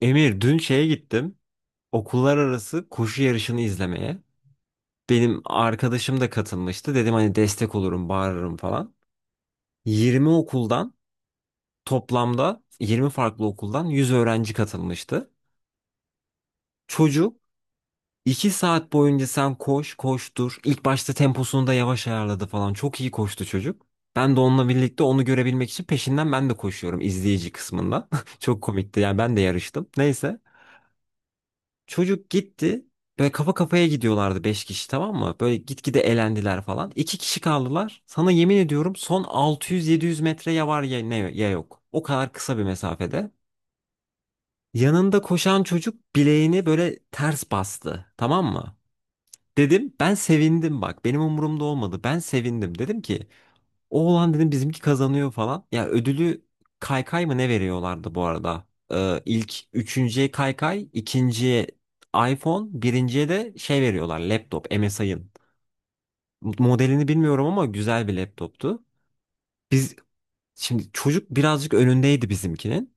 Emir dün şeye gittim. Okullar arası koşu yarışını izlemeye. Benim arkadaşım da katılmıştı. Dedim hani destek olurum, bağırırım falan. 20 okuldan toplamda 20 farklı okuldan 100 öğrenci katılmıştı. Çocuk 2 saat boyunca sen koş, koştur. İlk başta temposunu da yavaş ayarladı falan. Çok iyi koştu çocuk. Ben de onunla birlikte onu görebilmek için peşinden ben de koşuyorum izleyici kısmından. Çok komikti. Yani ben de yarıştım. Neyse. Çocuk gitti. Böyle kafa kafaya gidiyorlardı 5 kişi, tamam mı? Böyle gitgide elendiler falan. İki kişi kaldılar. Sana yemin ediyorum son 600-700 metre ya var ya, ne, ya yok. O kadar kısa bir mesafede. Yanında koşan çocuk bileğini böyle ters bastı. Tamam mı? Dedim ben sevindim bak. Benim umurumda olmadı. Ben sevindim. Dedim ki o olan dedim bizimki kazanıyor falan. Ya ödülü kaykay mı ne veriyorlardı bu arada? İlk üçüncüye kaykay, ikinciye iPhone, birinciye de şey veriyorlar laptop MSI'ın. Modelini bilmiyorum ama güzel bir laptoptu. Biz Şimdi çocuk birazcık önündeydi bizimkinin.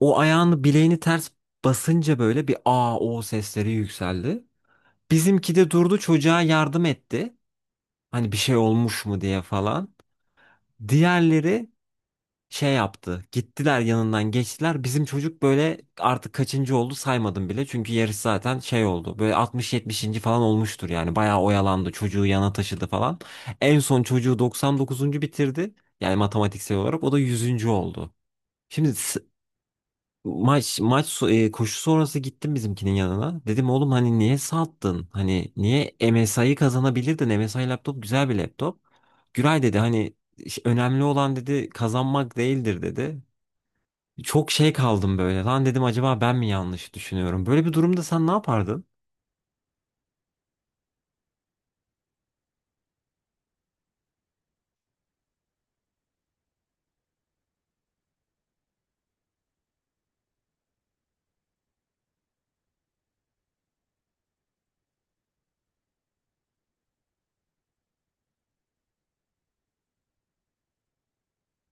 O ayağını bileğini ters basınca böyle bir aa o sesleri yükseldi. Bizimki de durdu çocuğa yardım etti. Hani bir şey olmuş mu diye falan. Diğerleri şey yaptı. Gittiler yanından geçtiler. Bizim çocuk böyle artık kaçıncı oldu saymadım bile. Çünkü yarış zaten şey oldu. Böyle 60-70. Falan olmuştur yani. Bayağı oyalandı. Çocuğu yana taşıdı falan. En son çocuğu 99. bitirdi. Yani matematiksel olarak o da 100'üncü oldu. Şimdi, koşu sonrası gittim bizimkinin yanına. Dedim oğlum hani niye sattın? Hani niye MSI'yi kazanabilirdin? MSI laptop güzel bir laptop. Güray dedi hani, Önemli olan" dedi, "kazanmak değildir" dedi. Çok şey kaldım böyle. Lan dedim acaba ben mi yanlış düşünüyorum? Böyle bir durumda sen ne yapardın?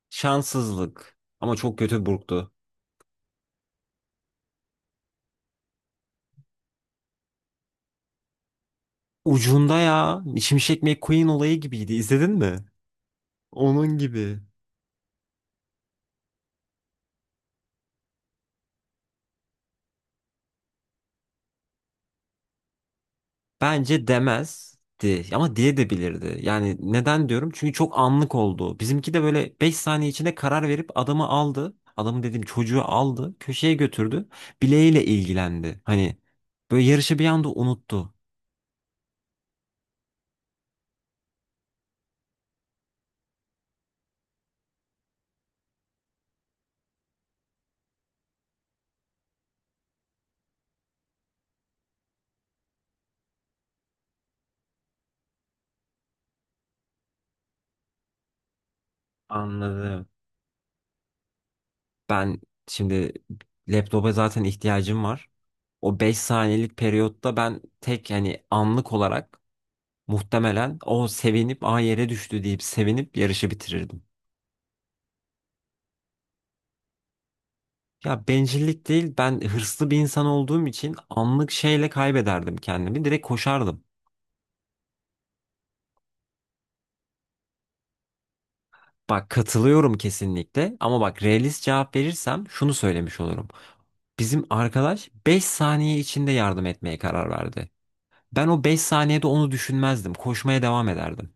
Şanssızlık. Ama çok kötü burktu. Ucunda ya. Şimşek McQueen olayı gibiydi. İzledin mi? Onun gibi. Bence demezdi. Ama diye de bilirdi. Yani neden diyorum? Çünkü çok anlık oldu. Bizimki de böyle 5 saniye içinde karar verip adamı aldı. Adamı dediğim çocuğu aldı. Köşeye götürdü. Bileğiyle ilgilendi. Hani böyle yarışı bir anda unuttu. Anladım. Ben şimdi laptopa zaten ihtiyacım var. O 5 saniyelik periyotta ben tek yani anlık olarak muhtemelen o sevinip a yere düştü deyip sevinip yarışı bitirirdim. Ya bencillik değil, ben hırslı bir insan olduğum için anlık şeyle kaybederdim kendimi, direkt koşardım. Bak katılıyorum kesinlikle, ama bak realist cevap verirsem şunu söylemiş olurum. Bizim arkadaş 5 saniye içinde yardım etmeye karar verdi. Ben o 5 saniyede onu düşünmezdim, koşmaya devam ederdim.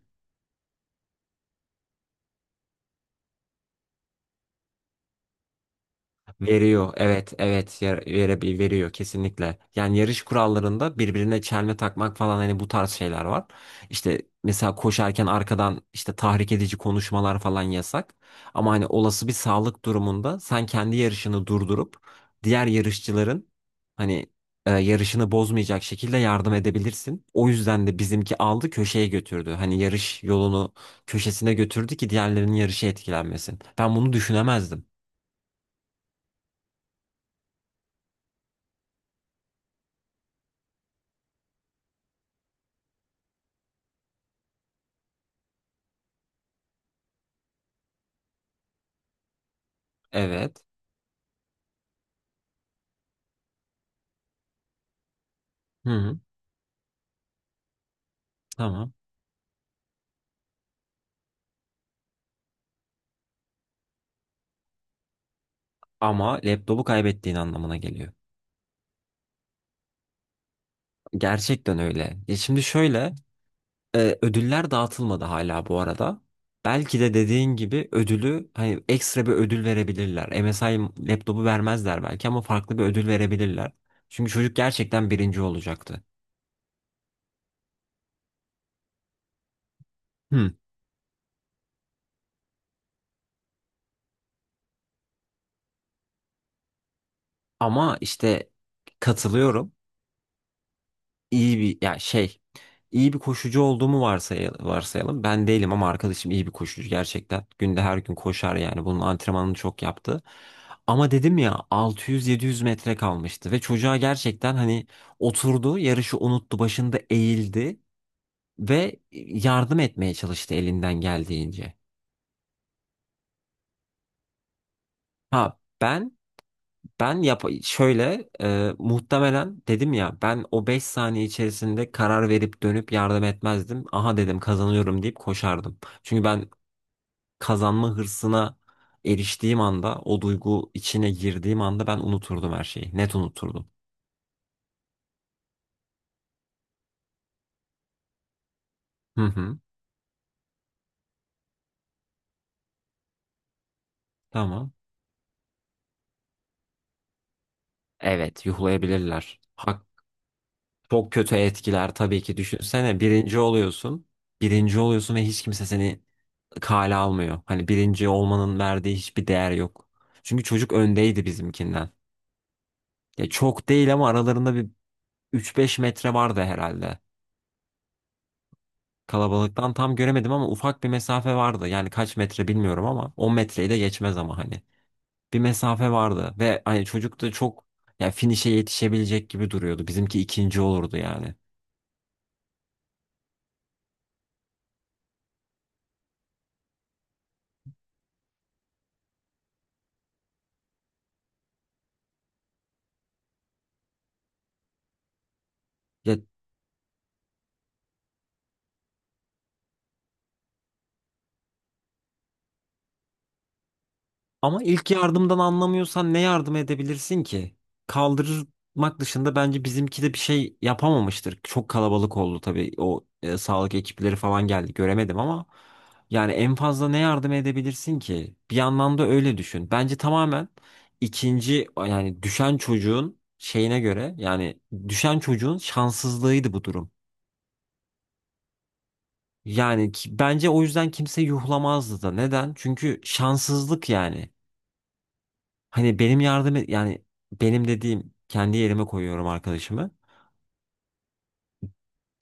Veriyor. Evet, evet. Veriyor kesinlikle. Yani yarış kurallarında birbirine çelme takmak falan hani bu tarz şeyler var. İşte mesela koşarken arkadan işte tahrik edici konuşmalar falan yasak. Ama hani olası bir sağlık durumunda sen kendi yarışını durdurup diğer yarışçıların hani yarışını bozmayacak şekilde yardım edebilirsin. O yüzden de bizimki aldı köşeye götürdü. Hani yarış yolunu köşesine götürdü ki diğerlerinin yarışı etkilenmesin. Ben bunu düşünemezdim. Evet. Hı hı. Tamam. Ama laptopu kaybettiğin anlamına geliyor. Gerçekten öyle. Ya şimdi şöyle, ödüller dağıtılmadı hala bu arada. Belki de dediğin gibi ödülü hani ekstra bir ödül verebilirler. M S MSI laptopu vermezler belki ama farklı bir ödül verebilirler. Çünkü çocuk gerçekten birinci olacaktı. Hmm. Ama işte katılıyorum. iyi bir ya şey iyi bir koşucu olduğumu varsayalım, varsayalım. Ben değilim ama arkadaşım iyi bir koşucu gerçekten. Günde her gün koşar yani. Bunun antrenmanını çok yaptı. Ama dedim ya, 600-700 metre kalmıştı ve çocuğa gerçekten hani oturdu, yarışı unuttu, başında eğildi ve yardım etmeye çalıştı elinden geldiğince. Ha ben Ben yap şöyle e, Muhtemelen dedim ya, ben o 5 saniye içerisinde karar verip dönüp yardım etmezdim. Aha dedim kazanıyorum deyip koşardım. Çünkü ben kazanma hırsına eriştiğim anda, o duygu içine girdiğim anda, ben unuturdum her şeyi. Net unuturdum. Hı hı, tamam. Evet, yuhlayabilirler. Çok kötü etkiler tabii ki, düşünsene birinci oluyorsun. Birinci oluyorsun ve hiç kimse seni kale almıyor. Hani birinci olmanın verdiği hiçbir değer yok. Çünkü çocuk öndeydi bizimkinden. Ya çok değil ama aralarında bir üç beş metre vardı herhalde. Kalabalıktan tam göremedim ama ufak bir mesafe vardı. Yani kaç metre bilmiyorum ama 10 metreyi de geçmez ama hani. Bir mesafe vardı ve hani çocuk da çok ya finişe yetişebilecek gibi duruyordu. Bizimki ikinci olurdu yani. Ya ama ilk yardımdan anlamıyorsan ne yardım edebilirsin ki? Kaldırmak dışında bence bizimki de bir şey yapamamıştır. Çok kalabalık oldu tabii. O sağlık ekipleri falan geldi. Göremedim ama yani en fazla ne yardım edebilirsin ki? Bir yandan da öyle düşün. Bence tamamen ikinci yani düşen çocuğun şeyine göre yani düşen çocuğun şanssızlığıydı bu durum. Yani bence o yüzden kimse yuhlamazdı da. Neden? Çünkü şanssızlık yani. Hani benim yardım yani benim dediğim kendi yerime koyuyorum arkadaşımı.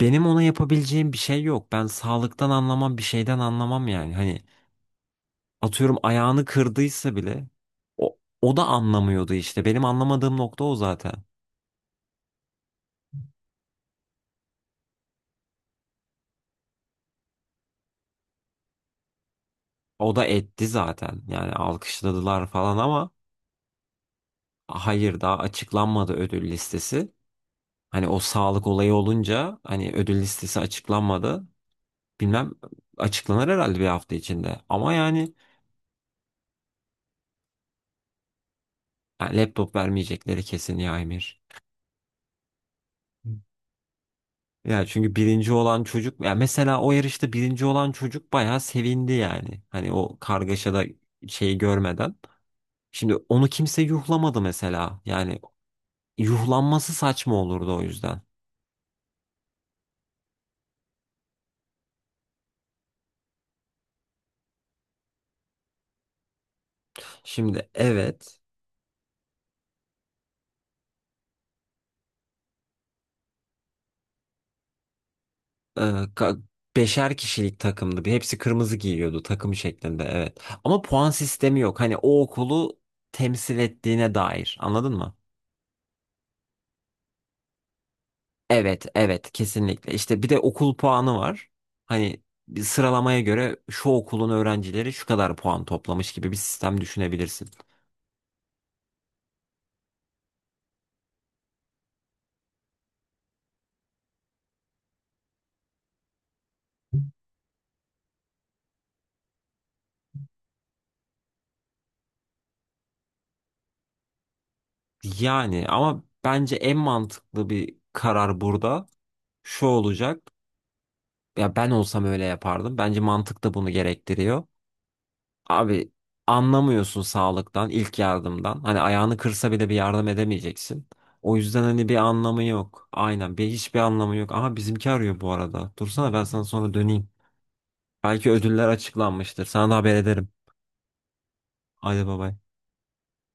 Benim ona yapabileceğim bir şey yok. Ben sağlıktan anlamam, bir şeyden anlamam yani. Hani atıyorum ayağını kırdıysa bile o da anlamıyordu işte. Benim anlamadığım nokta o zaten. O da etti zaten. Yani alkışladılar falan ama hayır, daha açıklanmadı ödül listesi. Hani o sağlık olayı olunca hani ödül listesi açıklanmadı. Bilmem, açıklanır herhalde bir hafta içinde. Ama yani, ya laptop vermeyecekleri kesin ya Emir. Ya çünkü birinci olan çocuk, ya mesela o yarışta birinci olan çocuk bayağı sevindi yani. Hani o kargaşada şeyi görmeden. Şimdi onu kimse yuhlamadı mesela. Yani yuhlanması saçma olurdu o yüzden. Şimdi evet, e, ka- 5'er kişilik takımdı. Hepsi kırmızı giyiyordu, takım şeklinde, evet. Ama puan sistemi yok. Hani o okulu temsil ettiğine dair, anladın mı? Evet, evet kesinlikle. İşte bir de okul puanı var. Hani bir sıralamaya göre şu okulun öğrencileri şu kadar puan toplamış gibi bir sistem düşünebilirsin. Yani ama bence en mantıklı bir karar burada şu olacak. Ya ben olsam öyle yapardım. Bence mantık da bunu gerektiriyor. Abi anlamıyorsun sağlıktan, ilk yardımdan. Hani ayağını kırsa bile bir yardım edemeyeceksin. O yüzden hani bir anlamı yok. Aynen, bir hiçbir anlamı yok. Aha bizimki arıyor bu arada. Dursana, ben sana sonra döneyim. Belki ödüller açıklanmıştır. Sana da haber ederim. Haydi bay bay.